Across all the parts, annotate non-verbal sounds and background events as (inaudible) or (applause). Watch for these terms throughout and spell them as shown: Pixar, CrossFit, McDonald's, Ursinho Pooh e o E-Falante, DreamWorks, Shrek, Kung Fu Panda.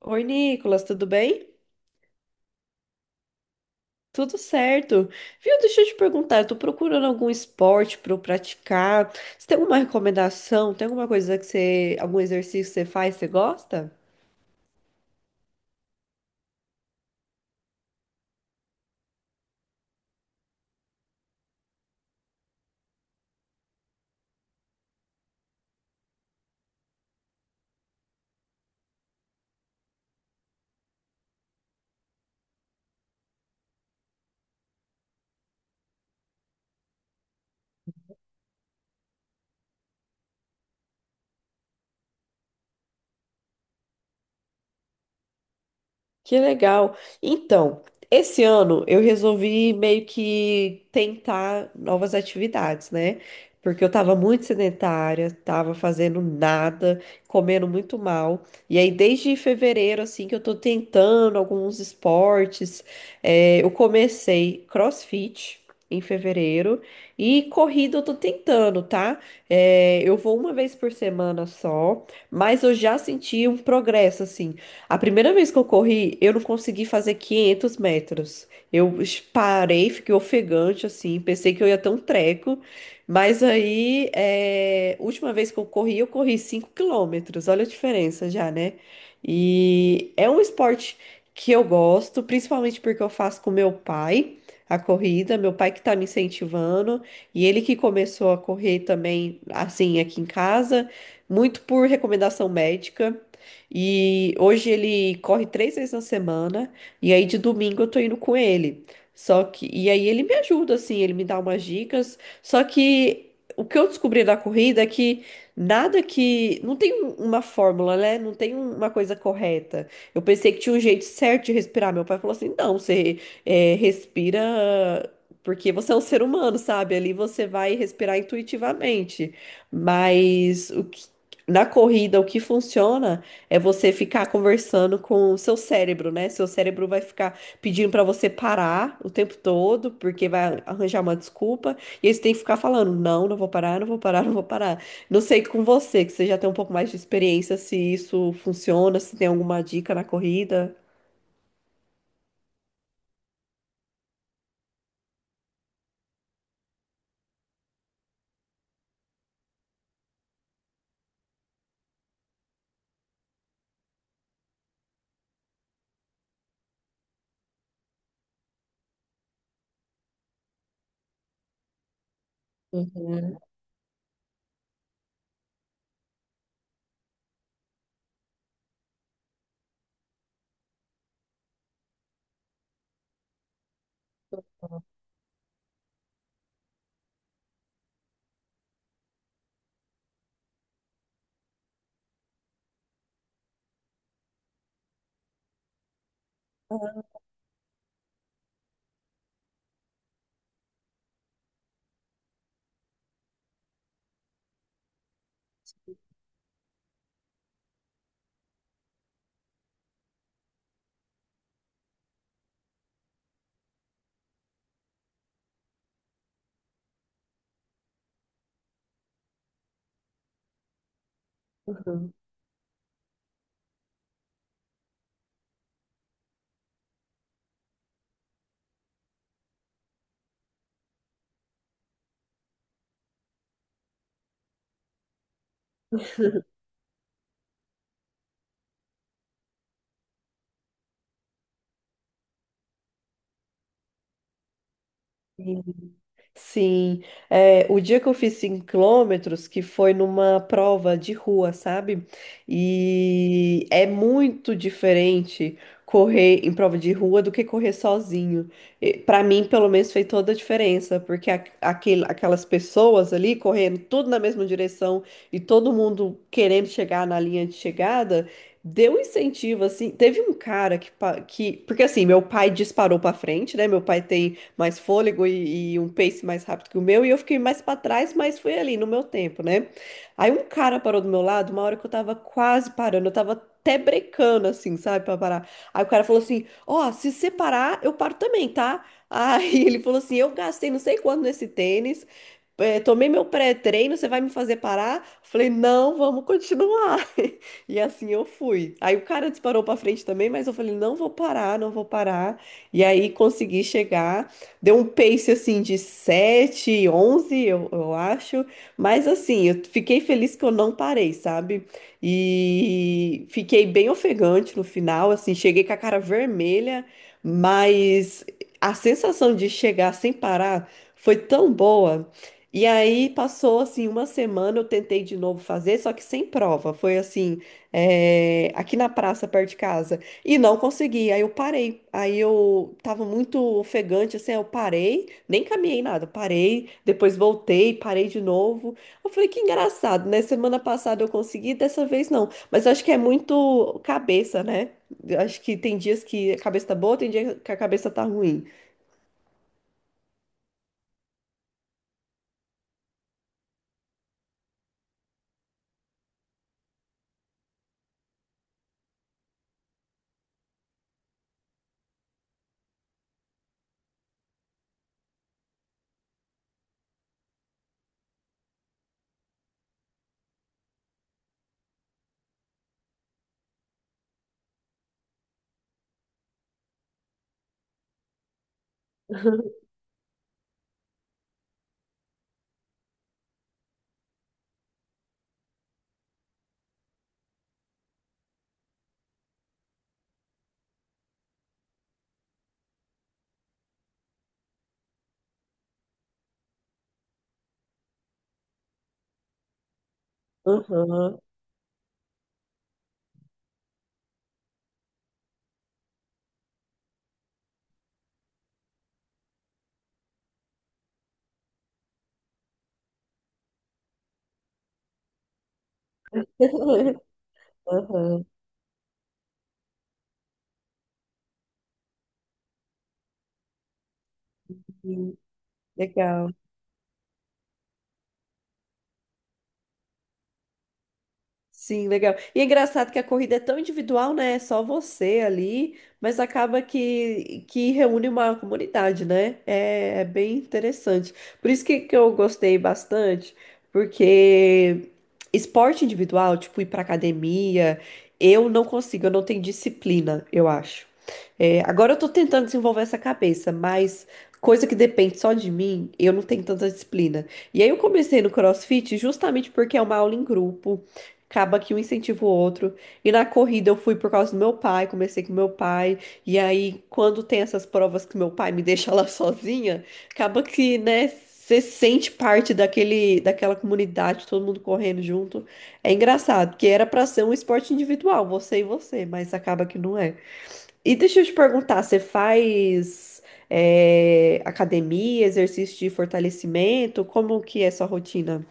Oi, Nicolas, tudo bem? Tudo certo. Viu, deixa eu te perguntar, eu tô procurando algum esporte para eu praticar. Você tem alguma recomendação? Tem alguma coisa que você, algum exercício que você faz, você gosta? Que legal. Então, esse ano eu resolvi meio que tentar novas atividades, né? Porque eu tava muito sedentária, tava fazendo nada, comendo muito mal. E aí, desde fevereiro, assim, que eu tô tentando alguns esportes. É, eu comecei CrossFit. Em fevereiro e corrida eu tô tentando, tá? É, eu vou uma vez por semana só, mas eu já senti um progresso assim. A primeira vez que eu corri, eu não consegui fazer 500 metros. Parei, fiquei ofegante, assim, pensei que eu ia ter um treco. Mas aí, é, última vez que eu corri 5 quilômetros. Olha a diferença já, né? E é um esporte que eu gosto, principalmente porque eu faço com meu pai a corrida, meu pai que tá me incentivando, e ele que começou a correr também, assim, aqui em casa, muito por recomendação médica. E hoje ele corre três vezes na semana, e aí de domingo eu tô indo com ele. Só que, e aí ele me ajuda, assim, ele me dá umas dicas. Só que o que eu descobri da corrida é que. Não tem uma fórmula, né? Não tem uma coisa correta. Eu pensei que tinha um jeito certo de respirar. Meu pai falou assim: não, você respira. Porque você é um ser humano, sabe? Ali você vai respirar intuitivamente. Mas o que na corrida, o que funciona é você ficar conversando com o seu cérebro, né? Seu cérebro vai ficar pedindo pra você parar o tempo todo, porque vai arranjar uma desculpa, e aí você tem que ficar falando: não, não vou parar, não vou parar, não vou parar. Não sei com você, que você já tem um pouco mais de experiência, se isso funciona, se tem alguma dica na corrida. Uhum. Uhum. Sim, é, o dia que eu fiz 5 quilômetros, que foi numa prova de rua, sabe? E é muito diferente correr em prova de rua do que correr sozinho. E, pra mim, pelo menos, fez toda a diferença, porque aquelas pessoas ali correndo tudo na mesma direção e todo mundo querendo chegar na linha de chegada. Deu um incentivo, assim. Teve um cara que. Porque, assim, meu pai disparou pra frente, né? Meu pai tem mais fôlego e um pace mais rápido que o meu, e eu fiquei mais para trás, mas fui ali no meu tempo, né? Aí um cara parou do meu lado, uma hora que eu tava quase parando, eu tava até brecando, assim, sabe, pra parar. Aí o cara falou assim: Ó, se separar, eu paro também, tá? Aí (laughs) ele falou assim: Eu gastei não sei quanto nesse tênis, tomei meu pré-treino, você vai me fazer parar? Falei: Não, vamos continuar. (laughs) E assim eu fui. Aí o cara disparou pra frente também, mas eu falei: Não vou parar, não vou parar. E aí consegui chegar. Deu um pace assim de 7 11 eu acho. Mas assim, eu fiquei feliz que eu não parei, sabe? E fiquei bem ofegante no final, assim, cheguei com a cara vermelha, mas a sensação de chegar sem parar foi tão boa. E aí passou assim uma semana, eu tentei de novo fazer, só que sem prova. Foi assim, é, aqui na praça perto de casa. E não consegui, aí eu parei. Aí eu tava muito ofegante, assim, aí eu parei, nem caminhei nada, parei, depois voltei, parei de novo. Eu falei, que engraçado, né? Semana passada eu consegui, dessa vez não. Mas eu acho que é muito cabeça, né? Eu acho que tem dias que a cabeça tá boa, tem dia que a cabeça tá ruim. Aham. (laughs) Aham. Sim. Legal. Sim, legal. E é engraçado que a corrida é tão individual, né? É só você ali, mas acaba que reúne uma comunidade, né? É, é bem interessante. Por isso que eu gostei bastante, porque esporte individual, tipo ir pra academia, eu não consigo, eu não tenho disciplina, eu acho. É, agora eu tô tentando desenvolver essa cabeça, mas coisa que depende só de mim, eu não tenho tanta disciplina. E aí eu comecei no CrossFit justamente porque é uma aula em grupo. Acaba que um incentiva o outro. E na corrida eu fui por causa do meu pai, comecei com meu pai. E aí, quando tem essas provas que meu pai me (laughs) deixa lá sozinha, acaba que, né, você sente parte daquela comunidade, todo mundo correndo junto. É engraçado, porque era pra ser um esporte individual, você e você, mas acaba que não é. E deixa eu te perguntar, você faz, academia, exercício de fortalecimento? Como que é sua rotina?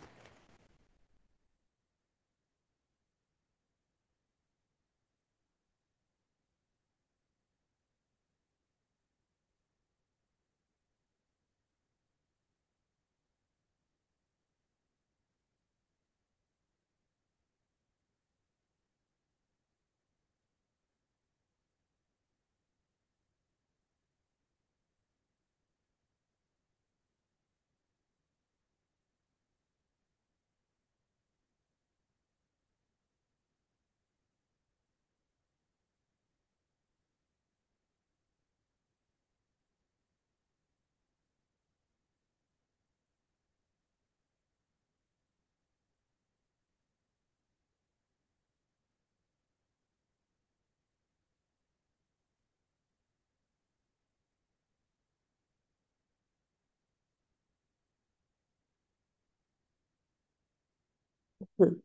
Hum.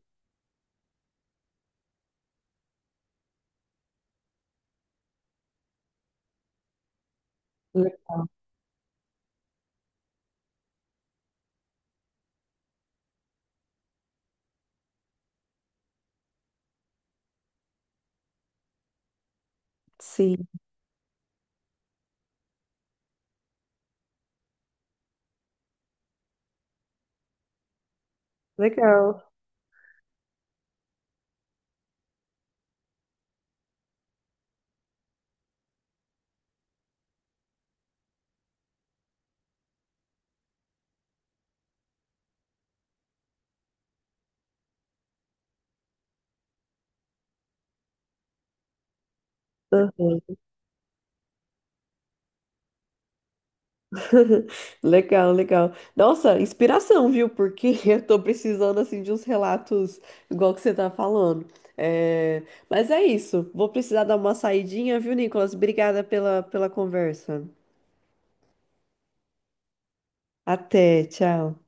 Le- Sim. le- (laughs) Legal, legal. Nossa, inspiração, viu? Porque (laughs) eu tô precisando, assim, de uns relatos igual que você tá falando. É, mas é isso. Vou precisar dar uma saidinha, viu, Nicolas? Obrigada pela, pela conversa. Até, tchau.